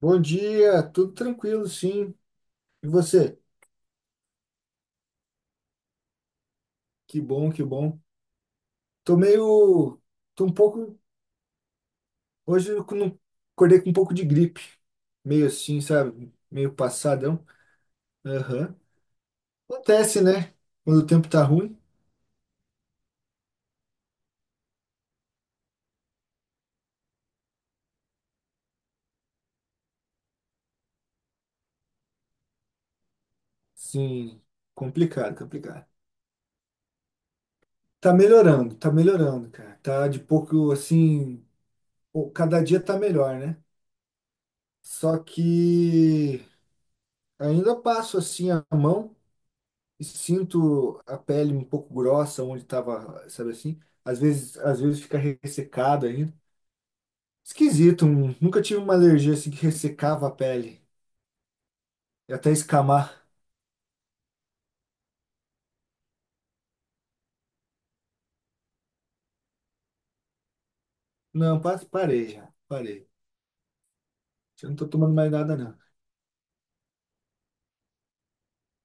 Bom dia, tudo tranquilo, sim. E você? Que bom, que bom. Tô meio, tô um pouco, hoje eu não- Acordei com um pouco de gripe, meio assim, sabe? Meio passadão. Aham. Acontece, né? Quando o tempo tá ruim. Sim, complicado, complicado. Tá melhorando, cara. Tá de pouco assim, pô, cada dia tá melhor, né? Só que ainda passo assim a mão, sinto a pele um pouco grossa onde estava, sabe assim? Às vezes fica ressecado ainda. Esquisito, nunca tive uma alergia assim que ressecava a pele, e até escamar. Não, parei já, parei. Eu não tô tomando mais nada, não.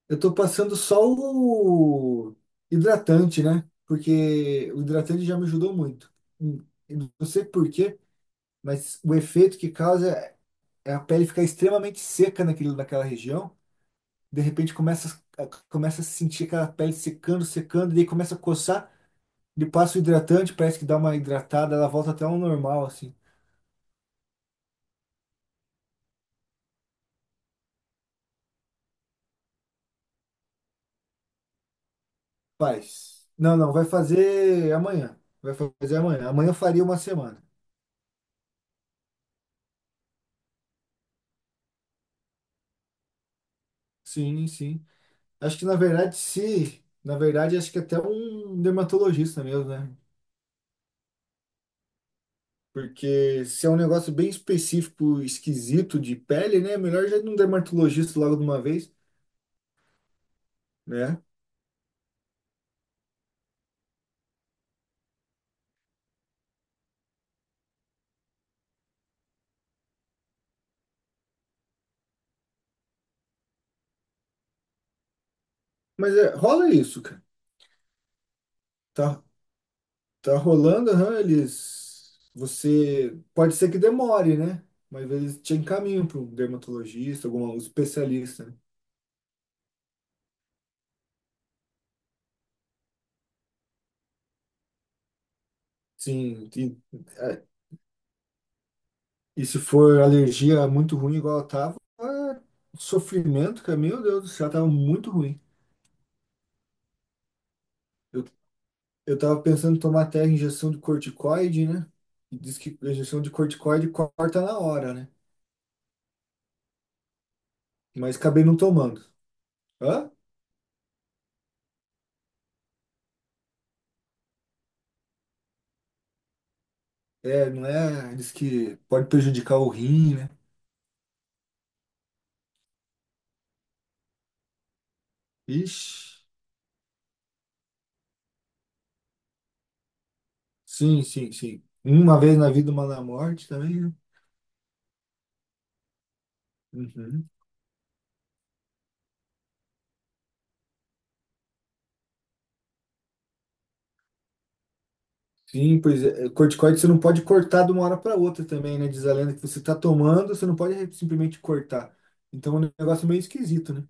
Eu tô passando só o hidratante, né? Porque o hidratante já me ajudou muito. Eu não sei por quê, mas o efeito que causa é a pele ficar extremamente seca naquilo naquela região. De repente começa, começa a sentir aquela pele secando, secando, e daí começa a coçar, ele passa o hidratante, parece que dá uma hidratada, ela volta até ao normal, assim. Faz. Não, não, vai fazer amanhã. Vai fazer amanhã. Amanhã eu faria uma semana. Sim, sim. Acho que na verdade, se. Na verdade, acho que até um dermatologista mesmo, né? Porque se é um negócio bem específico, esquisito de pele, né? Melhor já ir num dermatologista logo de uma vez, né? Mas é, rola isso, cara. Tá, tá rolando, aham, eles. Você. Pode ser que demore, né? Mas eles te encaminham para um dermatologista, algum especialista, né? Sim, e, é, e se for alergia muito ruim, igual eu tava, é sofrimento, cara, meu Deus do céu, tava muito ruim. Eu, eu tava pensando em tomar até injeção de corticoide, né? E diz que a injeção de corticoide corta na hora, né? Mas acabei não tomando. Hã? É, não é? Diz que pode prejudicar o rim, né? Ixi. Sim, sim, sim. Uma vez na vida, uma na morte também, né? Uhum. Sim, pois é. É, corticoide você não pode cortar de uma hora para outra também, né? Diz a lenda que você está tomando, você não pode simplesmente cortar. Então é um negócio meio esquisito, né?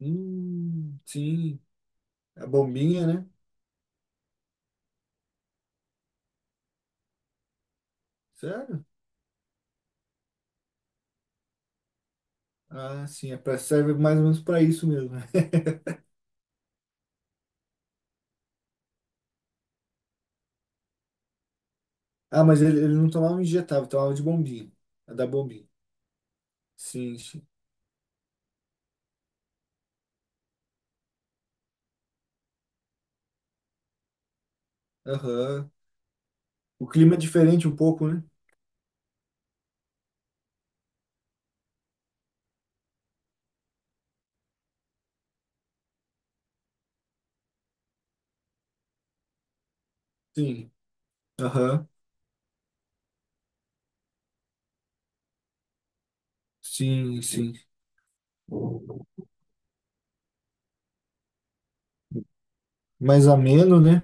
Sim. A bombinha, né? Sério? Ah, sim. É pra, serve mais ou menos para isso mesmo. Ah, mas ele não tomava injetável, tomava de bombinha. A da bombinha. Sim, sim. Aham. O clima é diferente um pouco, né? Sim. Aham. Sim, sim. Mais ameno, né?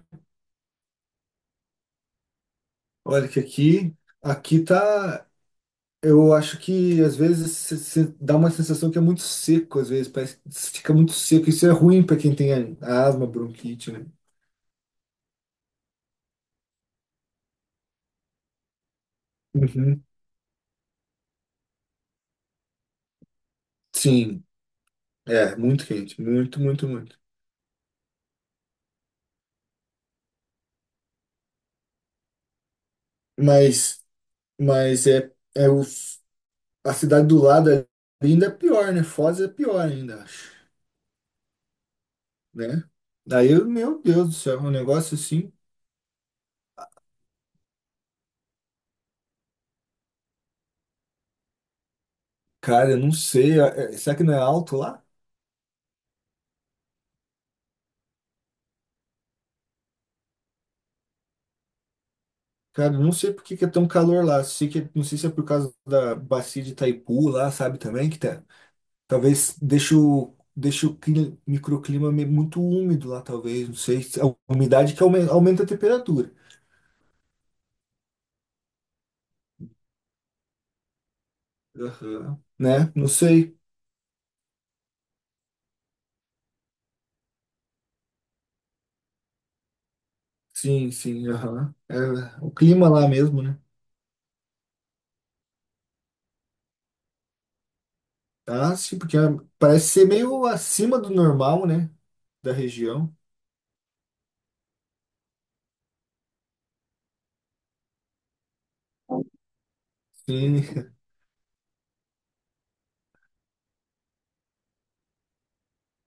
Olha que aqui, aqui tá, eu acho que às vezes se dá uma sensação que é muito seco, às vezes parece que fica muito seco. Isso é ruim para quem tem asma, bronquite, né? Uhum. Sim, é muito quente, muito, muito, muito. Mas, mas é, é o, a cidade do lado ali ainda é pior, né? Foz é pior ainda, acho, né? Daí, meu Deus do céu, é um negócio assim, cara, eu não sei, será que não é alto lá? Cara, eu não sei por que que é tão calor lá. Sei que, não sei se é por causa da bacia de Itaipu lá, sabe, também, que tá. Talvez deixe o, deixe o microclima muito úmido lá, talvez. Não sei. A umidade que aumenta a temperatura. Aham. Né? Não sei. Sim, sim, aham. É o clima lá mesmo, né? Ah, sim, porque ah, parece ser meio acima do normal, né? Da região. Sim.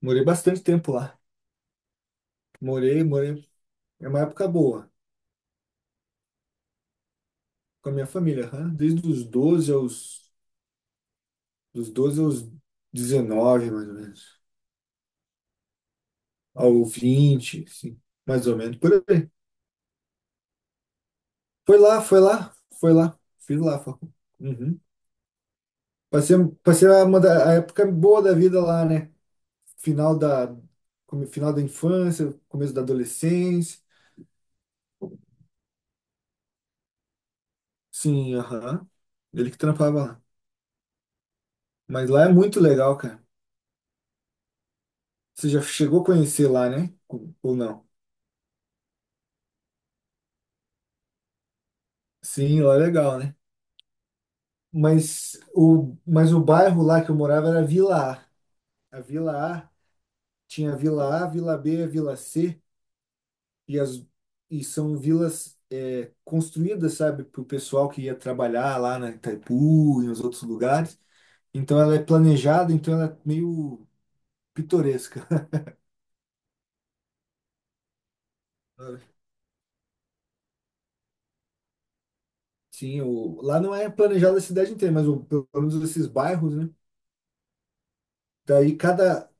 Morei bastante tempo lá. Morei, morei. É uma época boa. Com a minha família, aham. Desde os 12 aos, dos 12 aos 19 mais ou menos. Ao 20, sim, mais ou menos, por aí. Foi lá, foi lá, foi lá. Fiz lá, Facul. Uhum. Passei, passei a, uma a época boa da vida lá, né? Final da, final da infância, começo da adolescência. Sim, aham. Ele que trampava lá. Mas lá é muito legal, cara. Você já chegou a conhecer lá, né? Ou não? Sim, lá é legal, né? Mas o bairro lá que eu morava era Vila A. A Vila A tinha Vila A, Vila B, a Vila C, e, as, e são vilas é, construídas, sabe, para o pessoal que ia trabalhar lá na Itaipu e nos outros lugares. Então ela é planejada, então ela é meio pitoresca. Sim, o, lá não é planejada a cidade inteira, mas o, pelo menos esses bairros, né? Daí cada.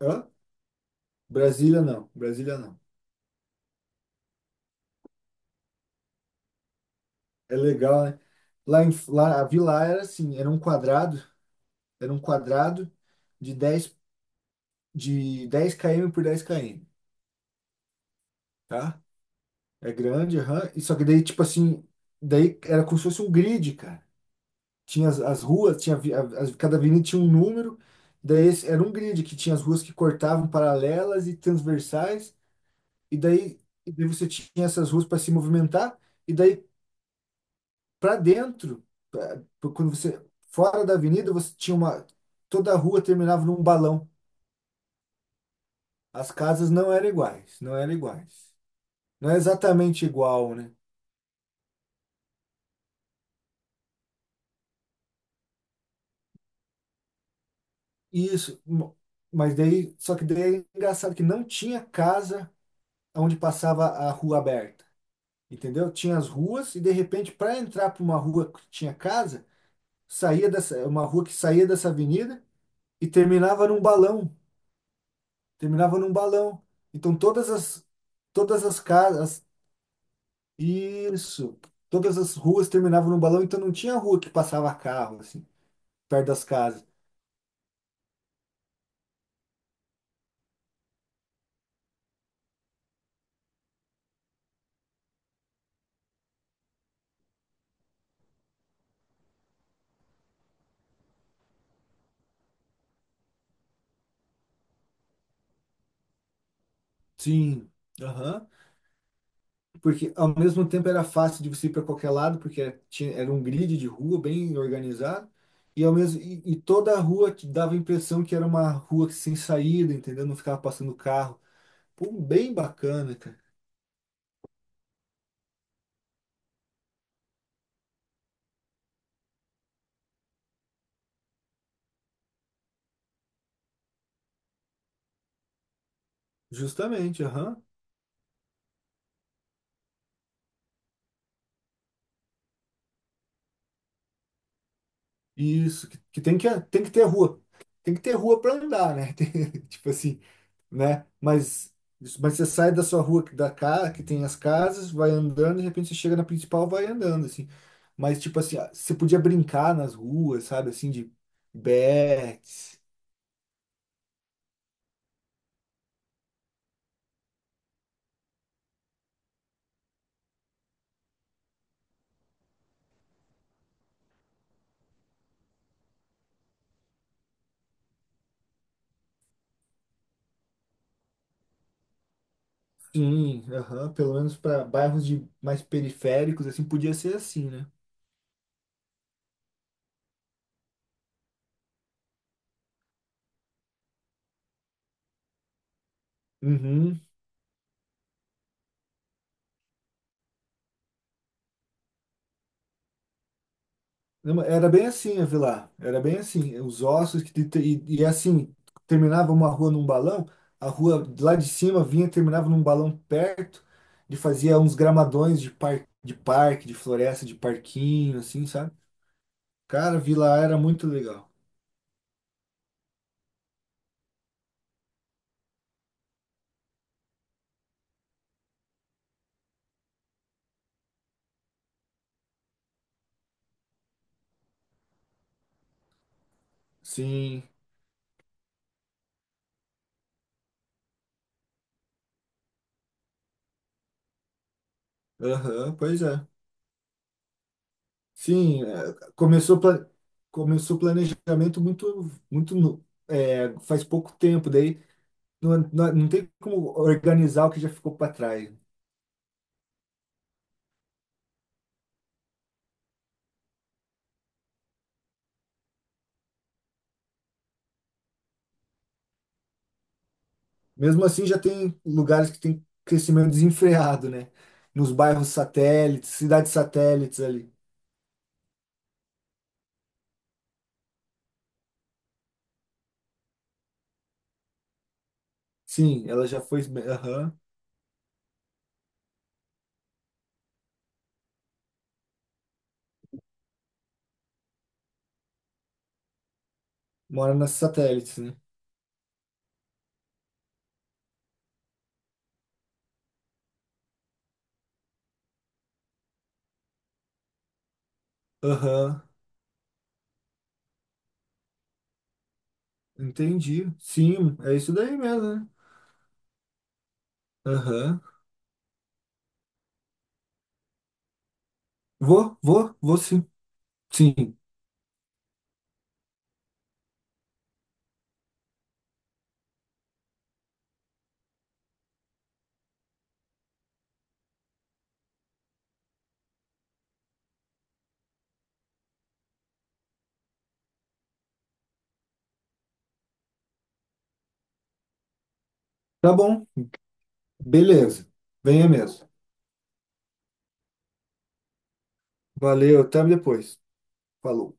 Hã? Brasília não, Brasília não. É legal, né? Lá, em, lá, a vila era assim, era um quadrado de dez, de 10 km por 10 km, tá? É grande, aham. E só que daí, tipo assim, daí era como se fosse um grid, cara. Tinha as, as ruas, tinha, cada avenida tinha um número, era um grid que tinha as ruas que cortavam paralelas e transversais, e daí, e daí você tinha essas ruas para se movimentar, e daí para dentro, pra- quando você fora da avenida, você tinha uma toda a rua terminava num balão. As casas não eram iguais, não eram iguais. Não é exatamente igual, né? Isso, mas daí, só que daí é engraçado que não tinha casa onde passava a rua aberta, entendeu? Tinha as ruas e de repente para entrar para uma rua que tinha casa, saía dessa uma rua que saía dessa avenida e terminava num balão, terminava num balão. Então todas as casas, isso. Todas as ruas terminavam no balão, então não tinha rua que passava carro, assim, perto das casas. Sim. Aham. Porque ao mesmo tempo era fácil de você ir para qualquer lado, porque tinha, era um grid de rua bem organizado. E, ao mesmo, e toda a rua te dava a impressão que era uma rua que sem saída, entendeu? Não ficava passando carro. Pô, bem bacana, cara. Justamente, aham. Isso, que tem que, tem que ter rua. Tem que ter rua para andar, né? Tem- tipo assim, né? Mas você sai da sua rua da casa, que tem as casas, vai andando, de repente você chega na principal, vai andando, assim. Mas, tipo assim, ah, você podia brincar nas ruas, sabe? Assim, de bets. Sim, aham, pelo menos para bairros de mais periféricos, assim, podia ser assim, né? Uhum. Não, era bem assim a vila, era bem assim. Os ossos e assim, terminava uma rua num balão, a rua lá de cima vinha, e terminava num balão perto, e fazia uns gramadões de, par, de parque, de floresta, de parquinho, assim, sabe? Cara, vila era muito legal. Sim, aham, pois é. Sim, é, começou o planejamento muito muito no- é, faz pouco tempo, daí não, não, não tem como organizar o que já ficou para trás. Mesmo assim, já tem lugares que tem crescimento desenfreado, né? Nos bairros satélites, cidades satélites ali. Sim, ela já foi. Aham. Mora nas satélites, né? Aham. Entendi. Sim, é isso daí mesmo, né? Aham. Vou, vou, vou sim. Sim. Tá bom. Beleza. Venha mesmo. Valeu, até depois. Falou.